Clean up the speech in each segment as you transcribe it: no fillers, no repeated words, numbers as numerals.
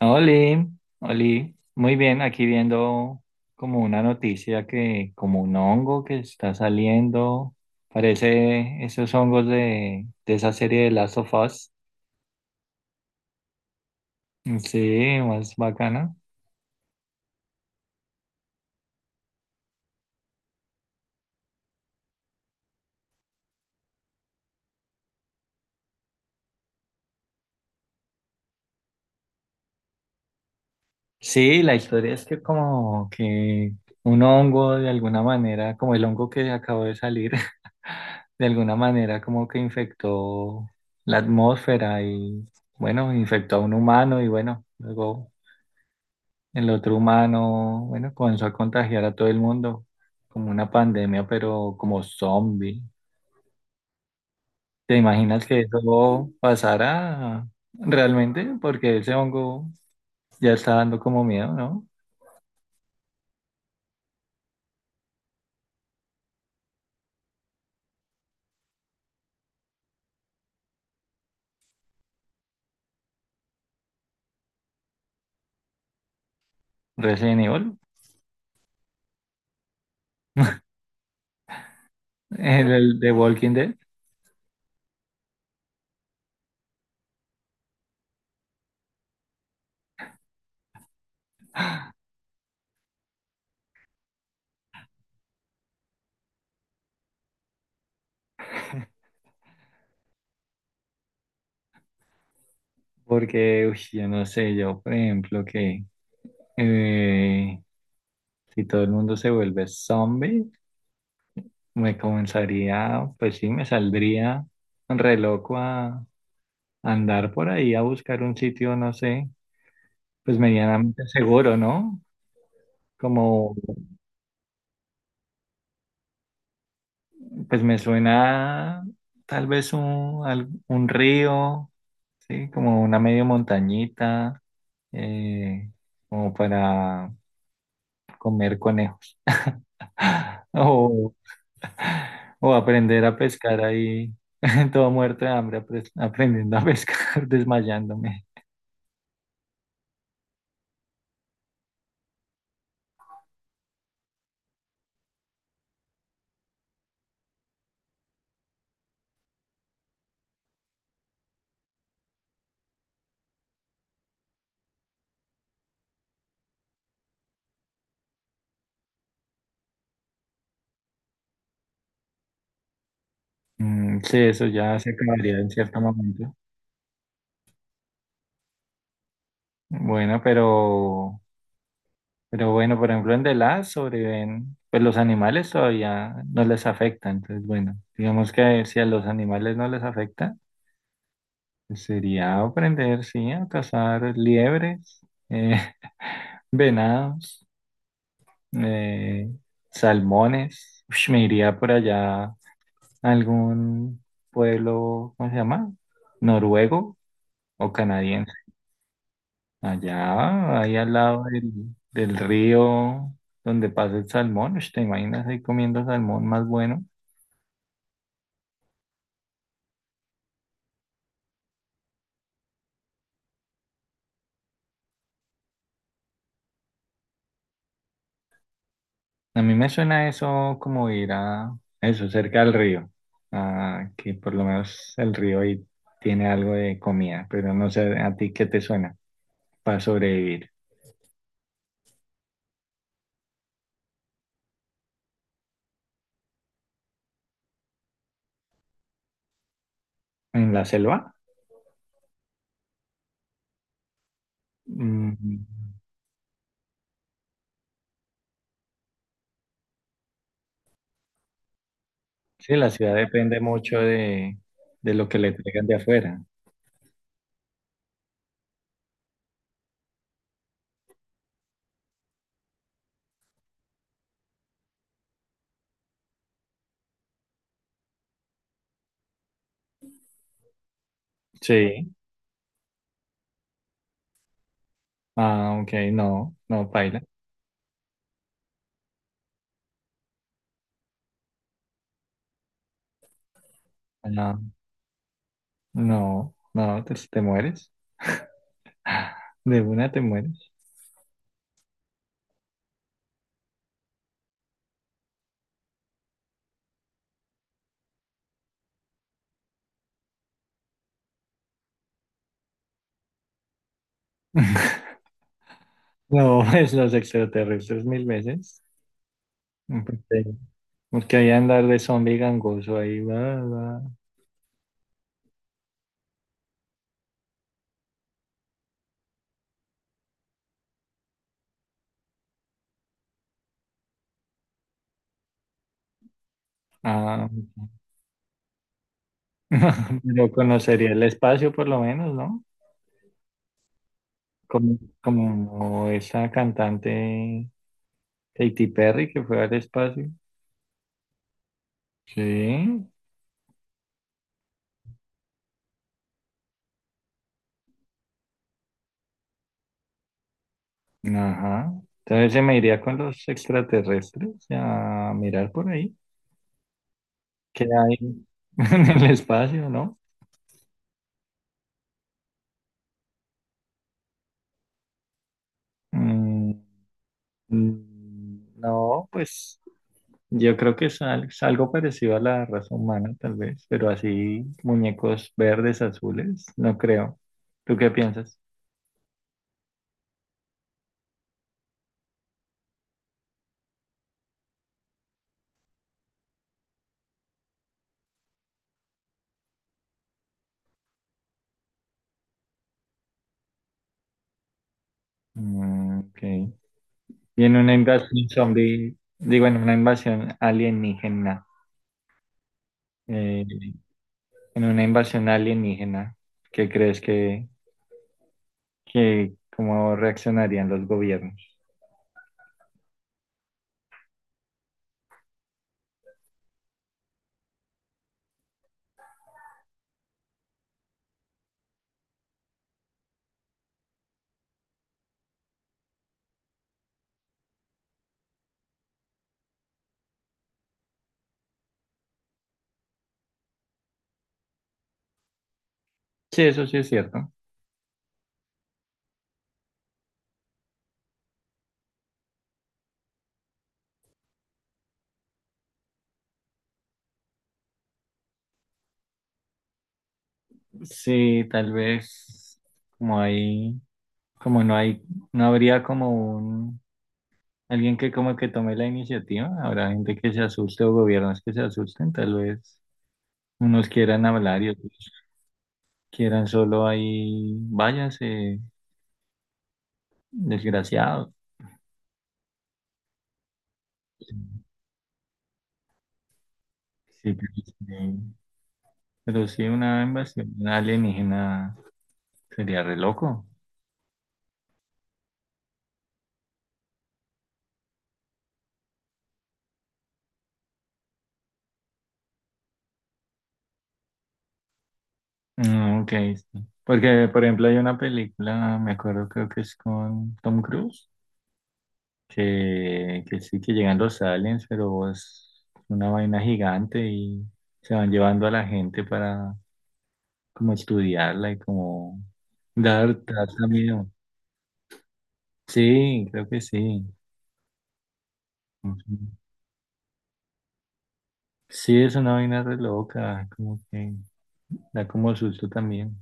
Oli, Oli, muy bien, aquí viendo como una noticia que como un hongo que está saliendo, parece esos hongos de esa serie de Last of Us. Sí, más bacana. Sí, la historia es que como que un hongo de alguna manera, como el hongo que acabó de salir, de alguna manera como que infectó la atmósfera y bueno, infectó a un humano y bueno, luego el otro humano, bueno, comenzó a contagiar a todo el mundo, como una pandemia, pero como zombie. ¿Te imaginas que eso pasara realmente? Porque ese hongo ya está dando como miedo, ¿no? Resident Evil. El de Walking Dead, porque uy, yo no sé, yo por ejemplo que eh, si todo el mundo se vuelve zombie, me comenzaría, pues sí, me saldría re loco a andar por ahí a buscar un sitio, no sé, pues medianamente seguro, ¿no? Como, pues me suena tal vez un, un río, ¿sí? Como una medio montañita, eh, como para comer conejos. O, o aprender a pescar ahí, todo muerto de hambre, aprendiendo a pescar, desmayándome. Mm, sí, eso ya se acabaría en cierto momento. Bueno, pero... Pero bueno, por ejemplo, en The Last sobreviven, pues los animales todavía no les afecta. Entonces, bueno, digamos que si a los animales no les afecta, pues sería aprender, sí, a cazar liebres, venados, eh, salmones. Ush, me iría por allá a algún pueblo, ¿cómo se llama? Noruego o canadiense. Allá, ahí al lado del río donde pasa el salmón, ush, ¿te imaginas ahí comiendo salmón más bueno? A mí me suena eso como ir a eso, cerca del río, ah, que por lo menos el río ahí tiene algo de comida, pero no sé a ti qué te suena para sobrevivir. ¿En la selva? Mm, sí, la ciudad depende mucho de lo que le traigan de afuera. Sí. Ah, ok, no, no, paila. Ah, no, no, te mueres. De una te mueres. No, es los extraterrestres mil veces. Porque, porque ahí andar de zombie gangoso ahí, va, va. Ah, pero conocería el espacio por lo menos, ¿no? Como, como esa cantante Katy Perry que fue al espacio. Sí, ajá. Entonces se me iría con los extraterrestres a mirar por ahí, qué hay en el espacio, ¿no? Mm, mm, no, pues yo creo que es, es algo parecido a la raza humana, tal vez, pero así muñecos verdes, azules, no creo. ¿Tú qué piensas? Mm, ok. Y en una invasión zombie, digo, en una invasión alienígena, eh, en una invasión alienígena, ¿qué crees que cómo reaccionarían los gobiernos? Sí, eso sí es cierto. Sí, tal vez como hay como no hay, no habría como un, alguien que como que tome la iniciativa, habrá gente que se asuste o gobiernos que se asusten, tal vez unos quieran hablar y otros quieran solo ahí, váyanse, desgraciados. Sí, pero sí, pero sí, una invasión alienígena sería re loco. Mm, ok, sí. Porque, por ejemplo, hay una película, me acuerdo, creo que es con Tom Cruise, que sí, que llegan los aliens, pero es una vaina gigante y se van llevando a la gente para como estudiarla y como dar, dar también. Sí, creo que sí. Ujú. Sí, es una vaina re loca, como que da como susto también.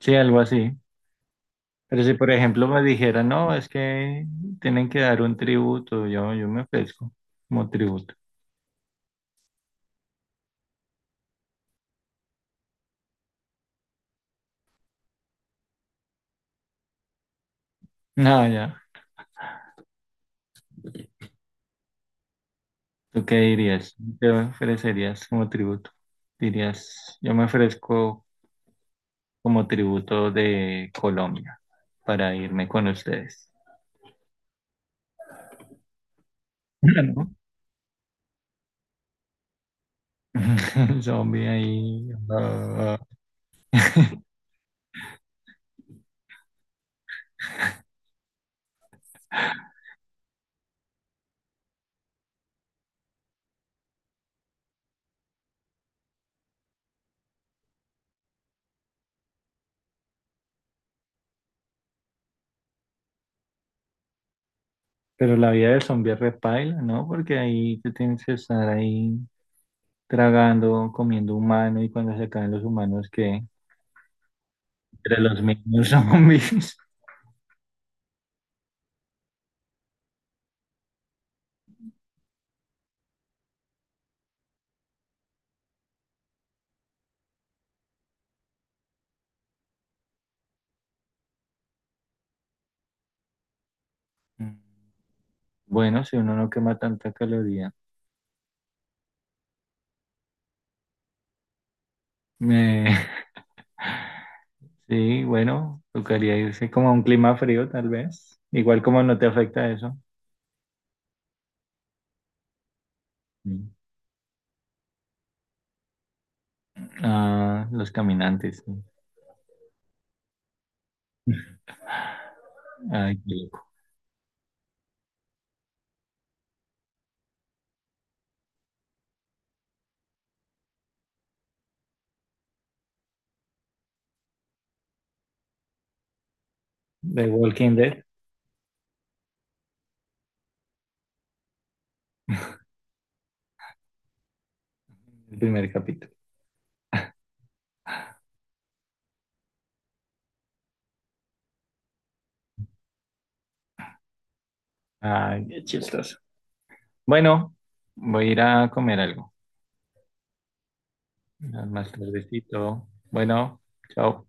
Sí, algo así. Pero si por ejemplo me dijera no, es que tienen que dar un tributo, yo me ofrezco como tributo. No, ya. ¿Tú qué dirías? ¿Te ofrecerías como tributo? Dirías, yo me ofrezco como tributo de Colombia para irme con ustedes. ¿No? El zombie ahí. Ah, pero la vida del zombie es repaila, ¿no? Porque ahí te tienes que estar ahí tragando, comiendo humano y cuando se acaban los humanos, que... Entre los mismos zombies. Bueno, si uno no quema tanta caloría. Me- sí, bueno, tocaría irse como a un clima frío, tal vez. Igual como no te afecta eso. Mm. Ah, los caminantes, sí. Ay, qué loco. The Walking Dead, el primer capítulo. Ay, qué chistoso. Bueno, voy a ir a comer algo. Más tardecito. Bueno, chao.